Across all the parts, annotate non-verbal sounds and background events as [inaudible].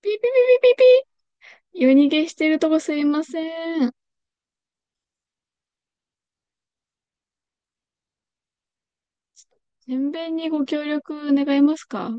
ピーピーピーピーピーピー。夜逃げしてるとこすいません。検便にご協力願いますか？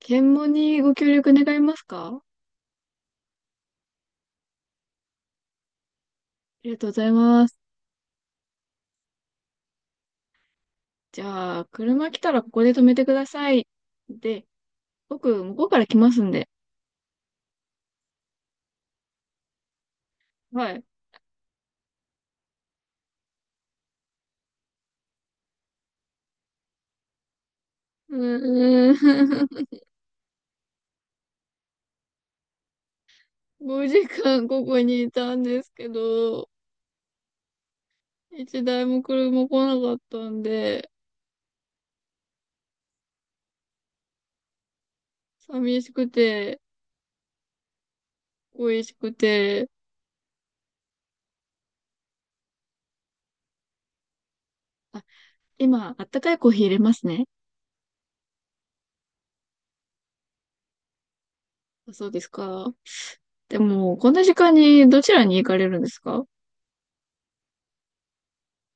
検問にご協力願いますか？ありがとうございます。じゃあ、車来たらここで止めてください。で、僕、向こうから来ますんで。はい。うーん。[laughs] 5時間ここにいたんですけど、一台も車来なかったんで、寂しくて、恋しくて。あ、今、あったかいコーヒー入れますね。あ、そうですか。でも、こんな時間にどちらに行かれるんですか？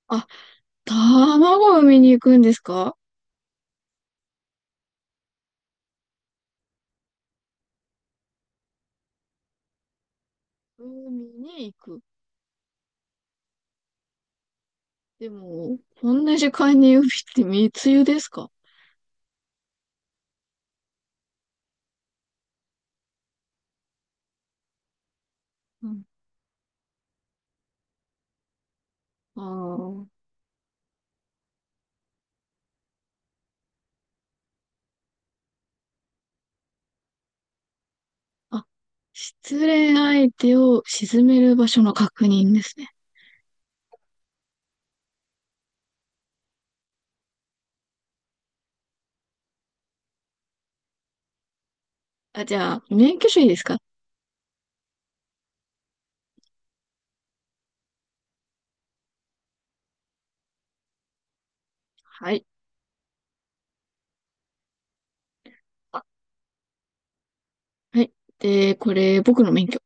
あ、卵を産みに行くんですか？海に行く。でも、こんな時間に海って密輸ですか？うん。ああ。あ、失恋相手を沈める場所の確認ですね。あ、じゃあ、免許証いいですか？はい。あ、はい。で、これ、僕の免許。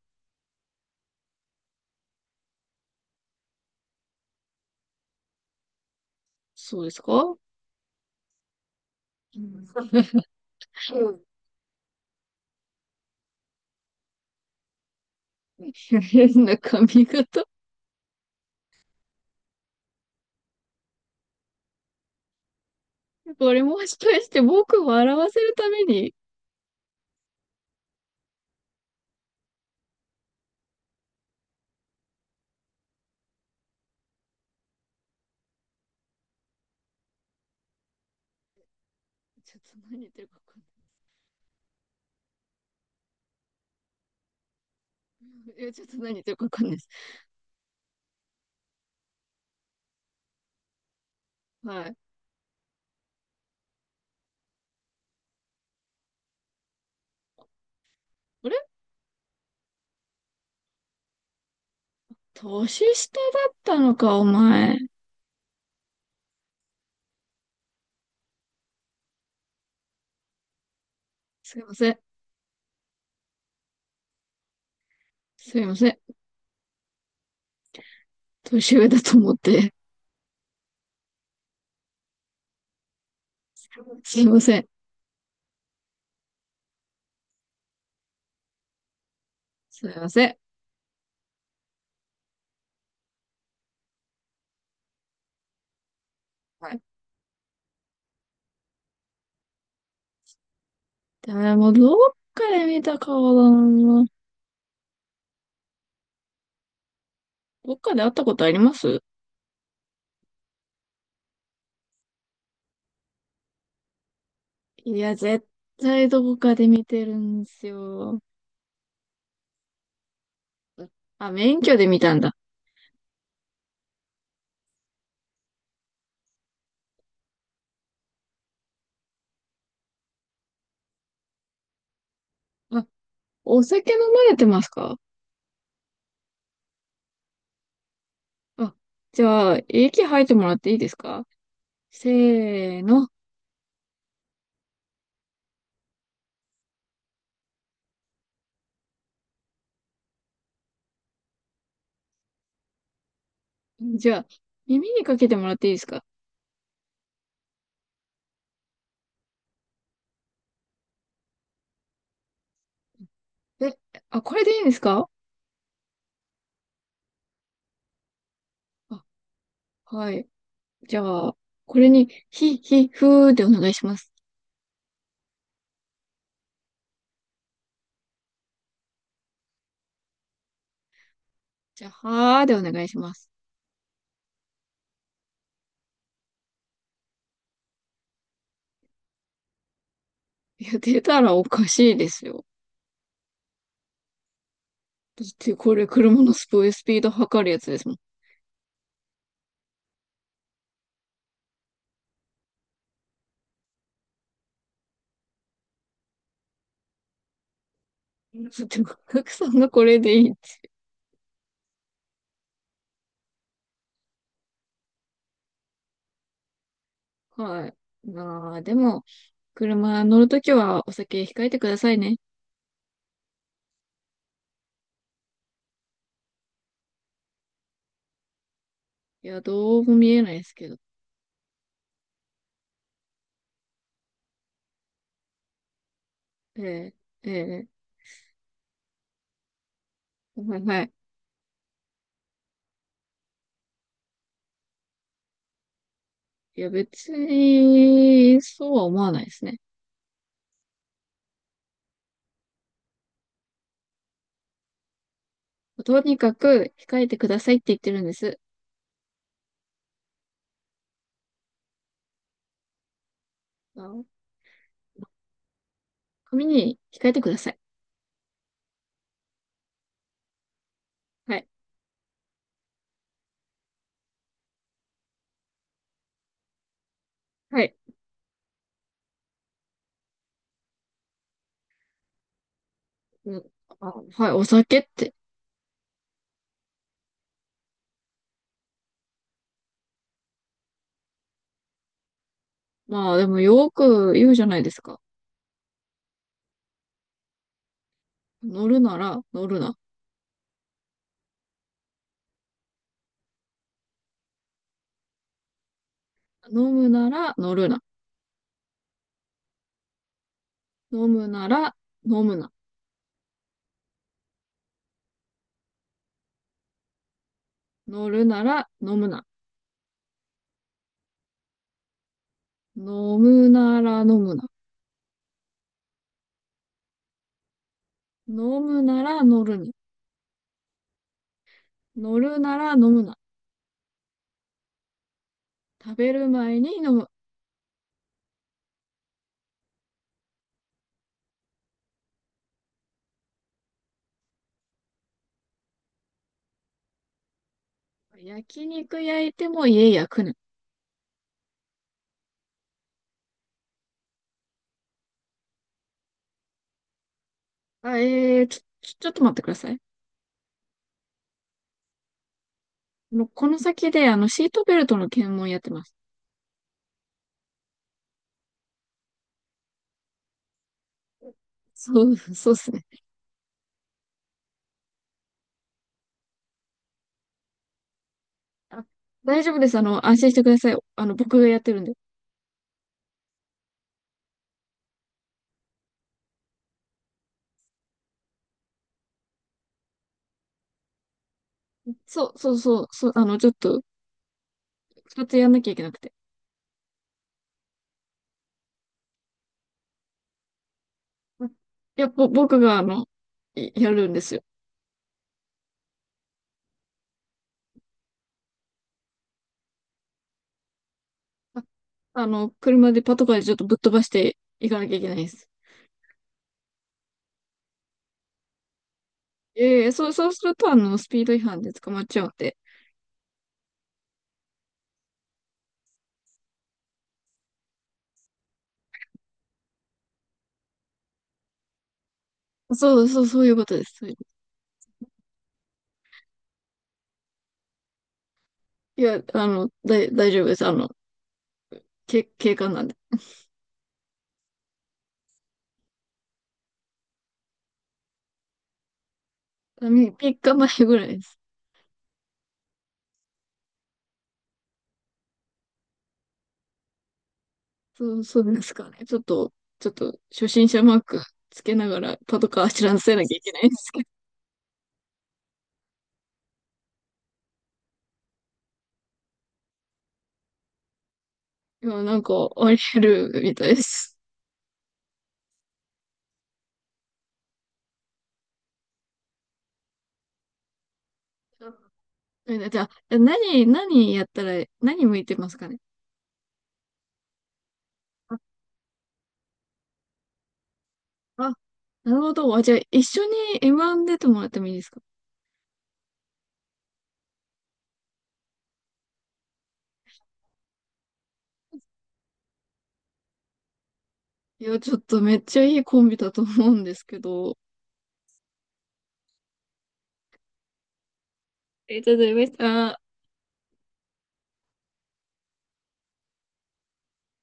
そうですか？うん。 [laughs] 変な髪型。これもしかして僕を笑わせるために？ちょっと何言ってるか分かんないです。[laughs] いや、ちょっと何言ってるか分かんないです。はい。あれ？年下だったのか、お前。すいません。すいません。年上だと思って。[laughs] すいません。すいません。はい。でも、どっかで見た顔だな。どっかで会ったことあります？いや、絶対どこかで見てるんですよ。あ、免許で見たんだ。あ、お酒飲まれてますか？あ、じゃあ、息吐いてもらっていいですか？せーの。じゃあ、耳にかけてもらっていいですか？え、あ、これでいいんですか？あ、はい。じゃあ、これに、ひ、ひ、ふーでお願いします。じゃあ、はーでお願いします。いや、出たらおかしいですよ。だって、これ車のスピード測るやつですもん。だって、お客さんがこれでいいって。はい。まあ、でも、車乗るときはお酒控えてくださいね。いや、どうも見えないですけど。ええ、ええ、はい、はい。いや、別に、そうは思わないですね。とにかく控えてくださいって言ってるんです。あ、紙に控えてください。はい。はい。うん、あ、はい。お酒って。まあでもよく言うじゃないですか。乗るなら乗るな。飲むなら乗るな。飲むなら飲むな。乗るなら飲むな。飲むなら飲むな。飲むなら乗るに乗るなら飲むな。食べる前に飲む。焼肉焼いても家焼くな。あ、えー、ちょ、ちょ、ちょっと待ってください。もうこの先で、あの、シートベルトの検問やってます。そう、そうですね。あ、大丈夫です。あの、安心してください。あの、僕がやってるんで。そう、そう、そう、そう、あの、ちょっと、二つやんなきゃいけなくて。あ、いや、ぼ、僕が、あの、いやるんですよ。あ、あの、車でパトカーでちょっとぶっ飛ばしていかなきゃいけないです。ええ、そう、そうすると、あの、スピード違反で捕まっちゃうんで。そう、そう、そういうことです。そういういや、あの、だい、大丈夫です。あの、け、警官なんで。あ、み、3日前ぐらいです。そう、そうですかね。ちょっと、ちょっと、初心者マークつけながらパトカー知らせなきゃいけないんですけど、今なんか、あり得るみたいです。じゃあ、[laughs] じゃあ何、何やったら、何向いてますかね。あ、あ、なるほど。あ、じゃあ、一緒に M1 出てもらってもいいですか？いや、ちょっとめっちゃいいコンビだと思うんですけど。え、ちょっと、めっちゃ、